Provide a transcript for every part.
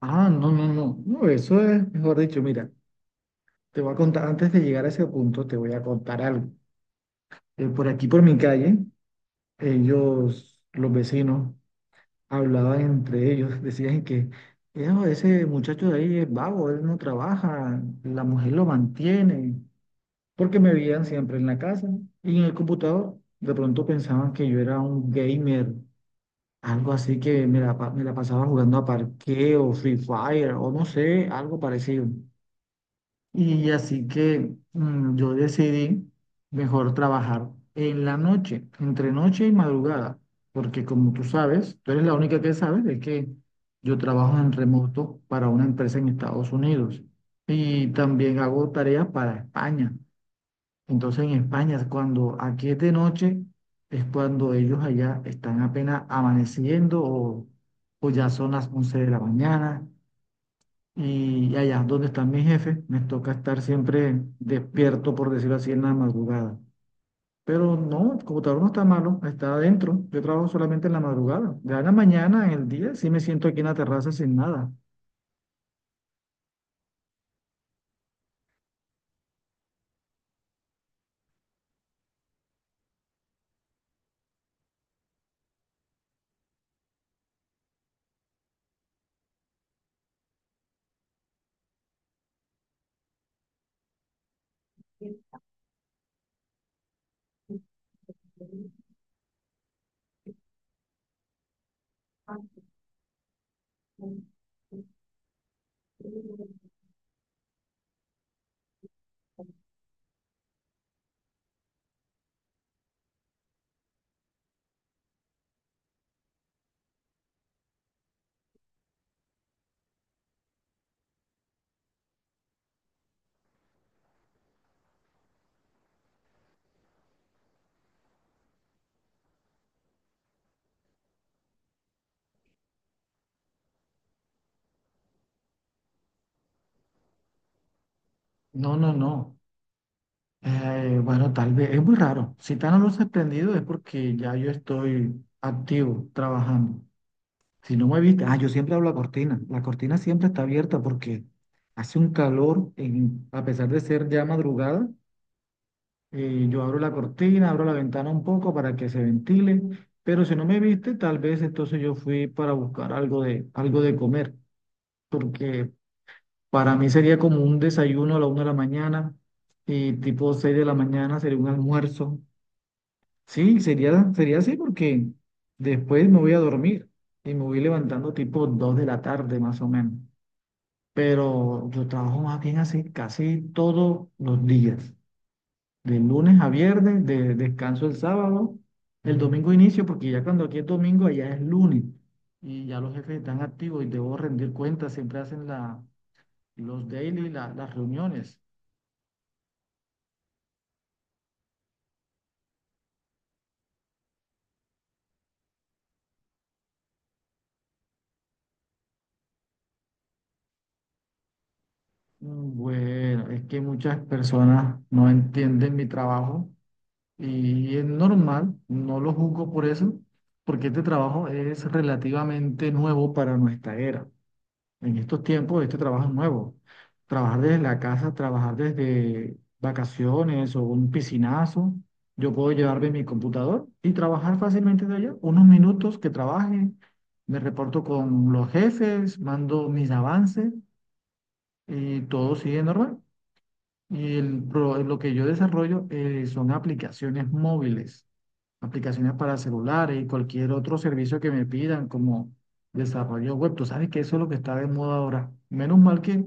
Ah, no. eso es, mejor dicho, mira, te voy a contar, antes de llegar a ese punto, te voy a contar algo. Por aquí, por mi calle, ellos, los vecinos, hablaban entre ellos, decían que "Ejo, ese muchacho de ahí es vago, él no trabaja, la mujer lo mantiene", porque me veían siempre en la casa y en el computador. De pronto pensaban que yo era un gamer, algo así, que me la pasaba jugando a parqueo, Free Fire o no sé, algo parecido. Y así que yo decidí mejor trabajar en la noche, entre noche y madrugada, porque como tú sabes, tú eres la única que sabes, es que yo trabajo en remoto para una empresa en Estados Unidos y también hago tareas para España. Entonces en España, cuando aquí es de noche, es cuando ellos allá están apenas amaneciendo o ya son las 11 de la mañana, y allá donde están mis jefes, me toca estar siempre despierto, por decirlo así, en la madrugada. Pero no, el computador no está malo, está adentro. Yo trabajo solamente en la madrugada. Ya en la mañana, en el día, sí me siento aquí en la terraza sin nada. No. Bueno, tal vez, es muy raro. Si están las luces prendidas es porque ya yo estoy activo, trabajando. Si no me viste, ah, yo siempre hablo a cortina. La cortina siempre está abierta porque hace un calor, a pesar de ser ya madrugada. Yo abro la cortina, abro la ventana un poco para que se ventile, pero si no me viste, tal vez entonces yo fui para buscar algo de comer, porque para mí sería como un desayuno a la 1 de la mañana y tipo 6 de la mañana sería un almuerzo. Sí, sería así, porque después me voy a dormir y me voy levantando tipo 2 de la tarde más o menos, pero yo trabajo más bien así casi todos los días, de lunes a viernes, de descanso el sábado, el domingo inicio, porque ya cuando aquí es domingo, allá es lunes, y ya los jefes están activos y debo rendir cuentas, siempre hacen los daily, las reuniones. Bueno, es que muchas personas no entienden mi trabajo y es normal, no lo juzgo por eso, porque este trabajo es relativamente nuevo para nuestra era. En estos tiempos, este trabajo es nuevo. Trabajar desde la casa, trabajar desde vacaciones o un piscinazo. Yo puedo llevarme mi computador y trabajar fácilmente de allá. Unos minutos que trabaje, me reporto con los jefes, mando mis avances y todo sigue normal. Y lo que yo desarrollo, son aplicaciones móviles, aplicaciones para celulares y cualquier otro servicio que me pidan, como desarrollo web. Tú sabes que eso es lo que está de moda ahora. Menos mal que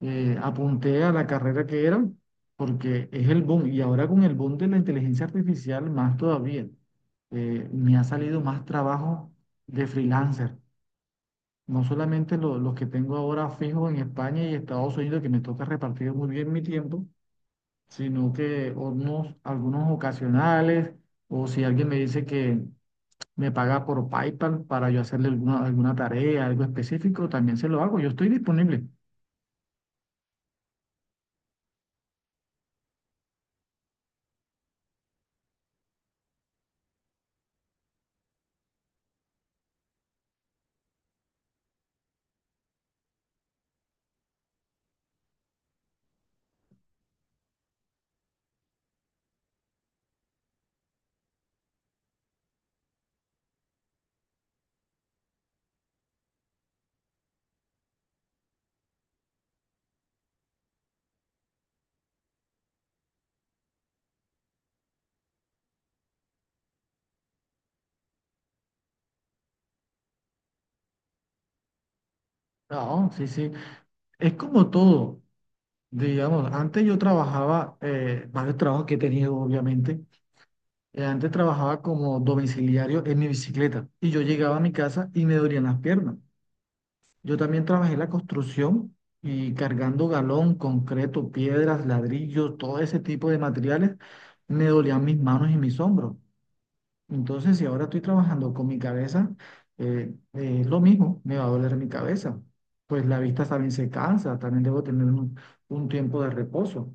apunté a la carrera que era, porque es el boom. Y ahora con el boom de la inteligencia artificial, más todavía. Me ha salido más trabajo de freelancer. No solamente los que tengo ahora fijos en España y Estados Unidos, que me toca repartir muy bien mi tiempo, sino algunos ocasionales, o si alguien me dice que me paga por PayPal para yo hacerle alguna tarea, algo específico, también se lo hago, yo estoy disponible. No, sí, sí. Es como todo. Digamos, antes yo trabajaba, varios trabajos que he tenido, obviamente. Antes trabajaba como domiciliario en mi bicicleta y yo llegaba a mi casa y me dolían las piernas. Yo también trabajé en la construcción y cargando galón, concreto, piedras, ladrillos, todo ese tipo de materiales, me dolían mis manos y mis hombros. Entonces, si ahora estoy trabajando con mi cabeza, es lo mismo, me va a doler mi cabeza. Pues la vista también se cansa, también debo tener un tiempo de reposo.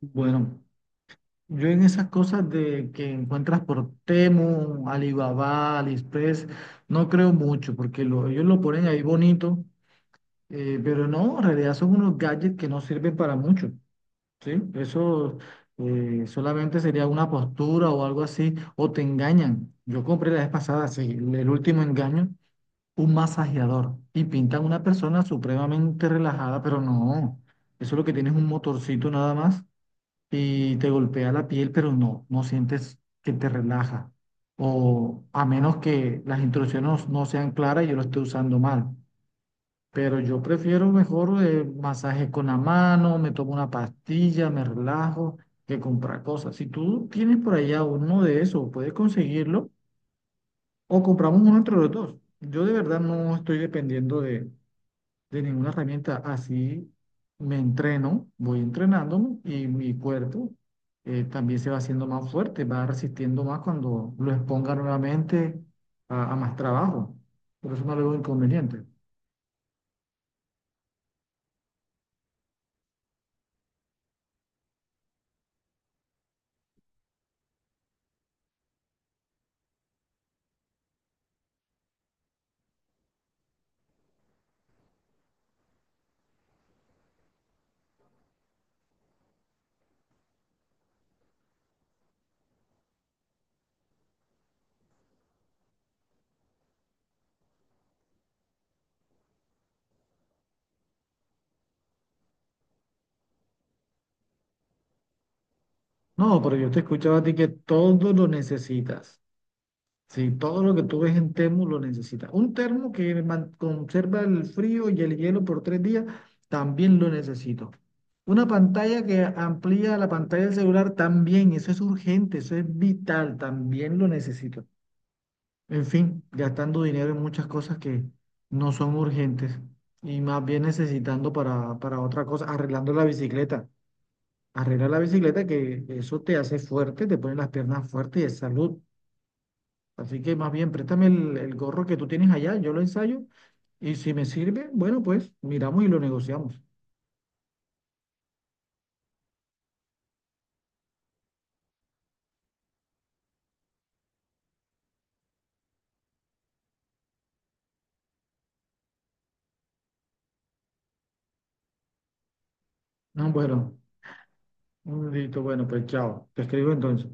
Bueno, yo en esas cosas de que encuentras por Temu, Alibaba, AliExpress, no creo mucho, porque ellos lo ponen ahí bonito, pero no, en realidad son unos gadgets que no sirven para mucho. Sí, eso solamente sería una postura o algo así, o te engañan. Yo compré la vez pasada, sí, el último engaño, un masajeador, y pintan una persona supremamente relajada, pero no, eso lo que tienes es un motorcito nada más y te golpea la piel, pero no, no sientes que te relaja. O a menos que las instrucciones no sean claras y yo lo esté usando mal. Pero yo prefiero mejor masaje con la mano, me tomo una pastilla, me relajo, que comprar cosas. Si tú tienes por allá uno de esos, puedes conseguirlo o compramos uno entre los dos. Yo de verdad no estoy dependiendo de ninguna herramienta. Así me entreno, voy entrenándome y mi cuerpo también se va haciendo más fuerte, va resistiendo más cuando lo exponga nuevamente a más trabajo. Por eso no le veo inconveniente. No, pero yo te escuchaba a ti que todo lo necesitas. Sí, todo lo que tú ves en termo lo necesitas. Un termo que conserva el frío y el hielo por 3 días, también lo necesito. Una pantalla que amplía la pantalla del celular, también. Eso es urgente, eso es vital, también lo necesito. En fin, gastando dinero en muchas cosas que no son urgentes y más bien necesitando para otra cosa, arreglando la bicicleta. Arreglar la bicicleta, que eso te hace fuerte, te pone las piernas fuertes y es salud. Así que más bien, préstame el gorro que tú tienes allá, yo lo ensayo y si me sirve, bueno, pues miramos y lo negociamos. Ah, bueno, un listo, bueno, pues chao, te escribo entonces.